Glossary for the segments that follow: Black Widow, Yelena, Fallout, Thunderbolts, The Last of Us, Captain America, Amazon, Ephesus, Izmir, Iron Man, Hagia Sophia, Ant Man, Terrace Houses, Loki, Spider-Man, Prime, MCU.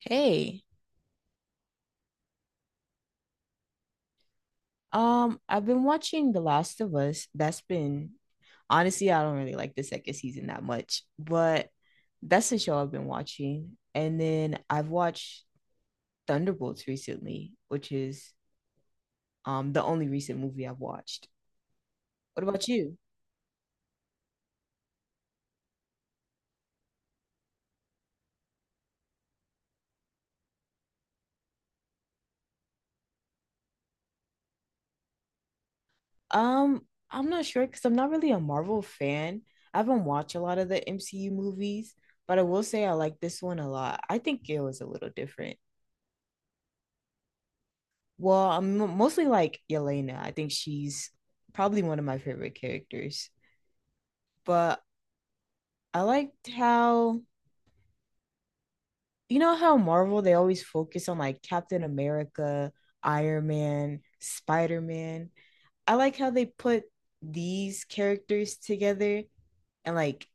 Hey, I've been watching The Last of Us. That's been honestly, I don't really like the second season that much, but that's the show I've been watching. And then I've watched Thunderbolts recently, which is the only recent movie I've watched. What about you? Um, I'm not sure because I'm not really a Marvel fan. I haven't watched a lot of the MCU movies, but I will say I like this one a lot. I think it was a little different. Well, I'm mostly like Yelena. I think she's probably one of my favorite characters. But I liked how, how Marvel they always focus on like Captain America, Iron Man, Spider-Man. I like how they put these characters together and like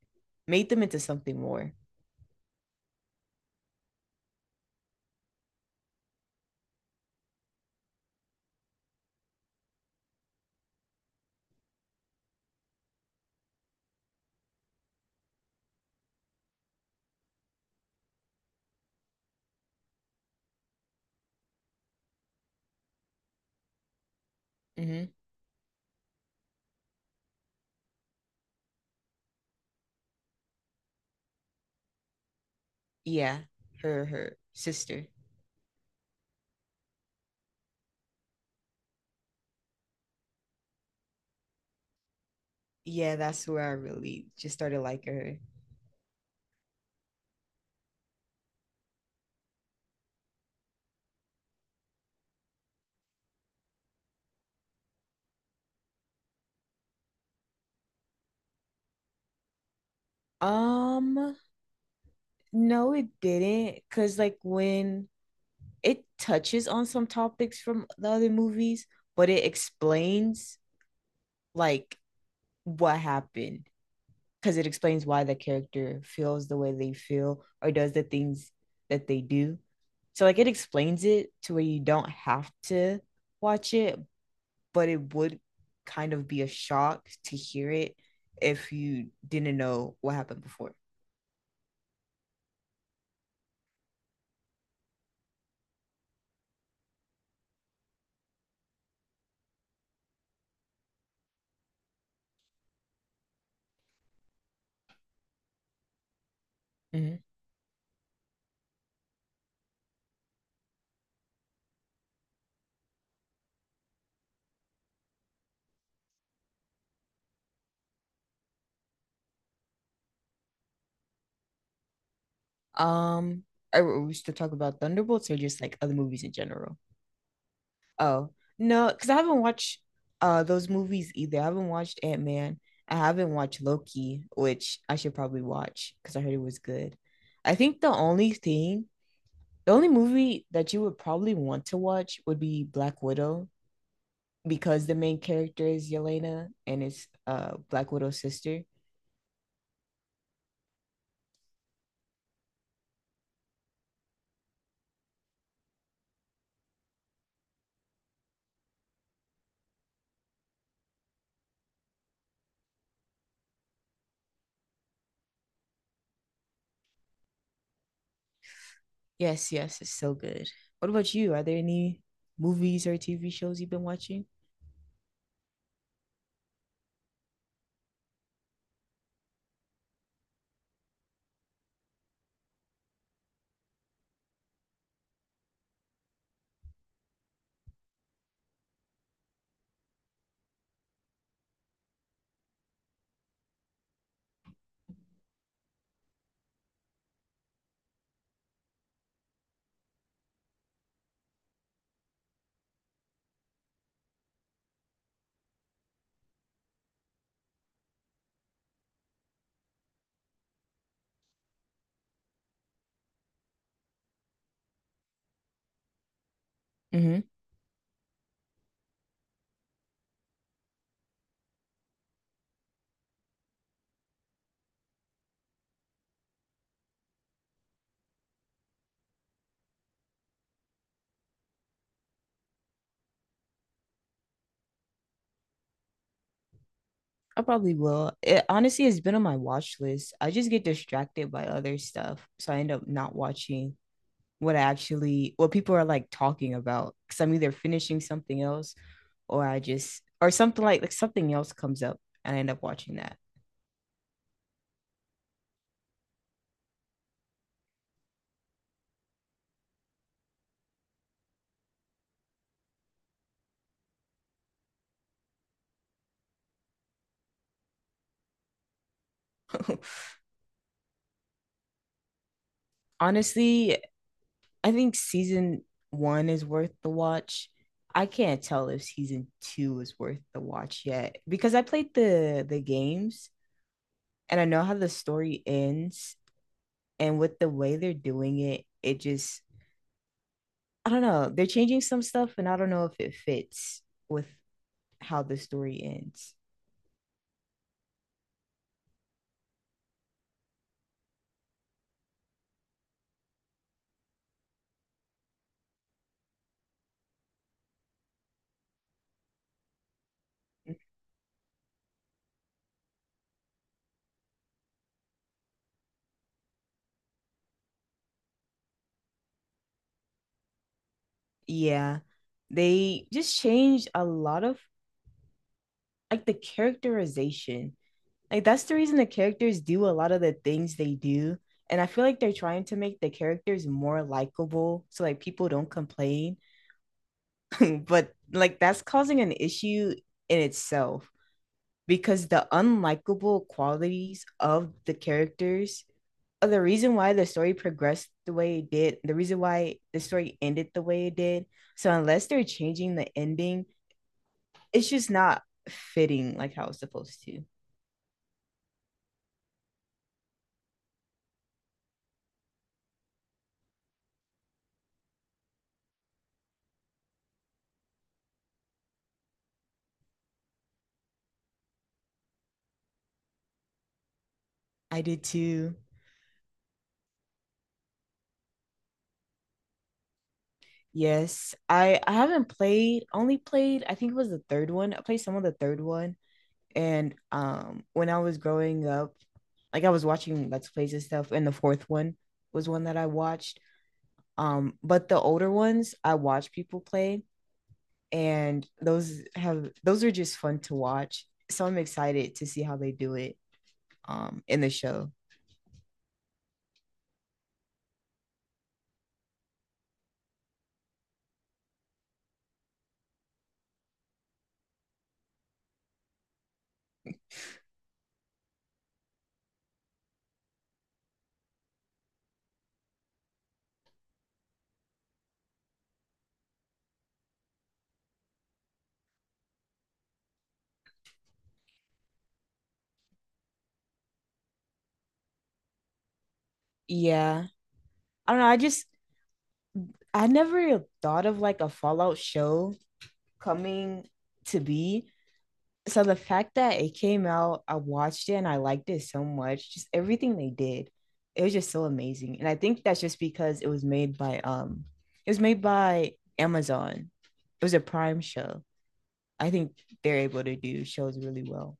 made them into something more. hmm Yeah, her sister. Yeah, that's where I really just started liking her. No, it didn't. Cause like when it touches on some topics from the other movies, but it explains like what happened because it explains why the character feels the way they feel or does the things that they do. So like it explains it to where you don't have to watch it, but it would kind of be a shock to hear it if you didn't know what happened before. Mhm. Um, are we still talking about Thunderbolts or just like other movies in general? Oh no, because I haven't watched those movies either. I haven't watched Ant Man. I haven't watched Loki, which I should probably watch because I heard it was good. I think the only thing, the only movie that you would probably want to watch would be Black Widow because the main character is Yelena and it's Black Widow's sister. Yes, yes, it's so good. What about you? Are there any movies or TV shows you've been watching? hmm I probably will. It honestly has been on my watch list. I just get distracted by other stuff, so I end up not watching. What I actually what people are like talking about because I'm either finishing something else or I just or something like something else comes up and I end up watching that. Honestly, I think season one is worth the watch. I can't tell if season two is worth the watch yet because I played the games and I know how the story ends, and with the way they're doing it, it just I don't know. They're changing some stuff and I don't know if it fits with how the story ends. Yeah. They just changed a lot of like the characterization. Like that's the reason the characters do a lot of the things they do. And I feel like they're trying to make the characters more likable so like people don't complain. But like that's causing an issue in itself because the unlikable qualities of the characters are the reason why the story progressed the way it did, the reason why the story ended the way it did. So unless they're changing the ending, it's just not fitting like how it's supposed to. I did too. Yes, I haven't played, only played, I think it was the third one. I played some of the third one. And when I was growing up, like I was watching Let's Plays and stuff, and the fourth one was one that I watched. But the older ones I watch people play, and those are just fun to watch. So I'm excited to see how they do it in the show. Yeah. I don't know. I just I never thought of like a Fallout show coming to be. So the fact that it came out, I watched it and I liked it so much. Just everything they did. It was just so amazing. And I think that's just because it was made by it was made by Amazon. It was a Prime show. I think they're able to do shows really well.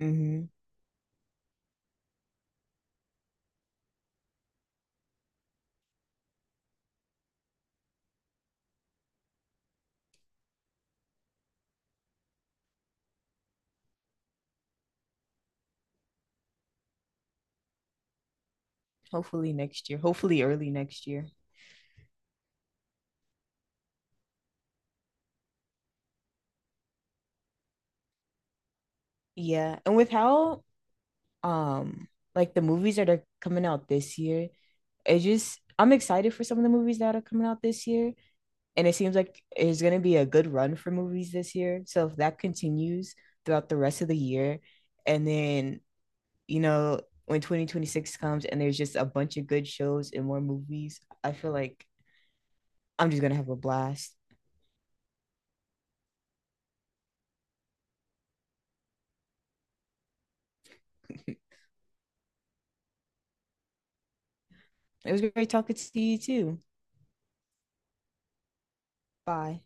Mm-hmm. Hopefully next year. Hopefully early next year. Yeah, and with how um like the movies that are coming out this year, it just I'm excited for some of the movies that are coming out this year, and it seems like it's gonna be a good run for movies this year. So if that continues throughout the rest of the year, and then you know when 2026 comes and there's just a bunch of good shows and more movies, I feel like I'm just gonna have a blast. It was great talking to you too. Bye.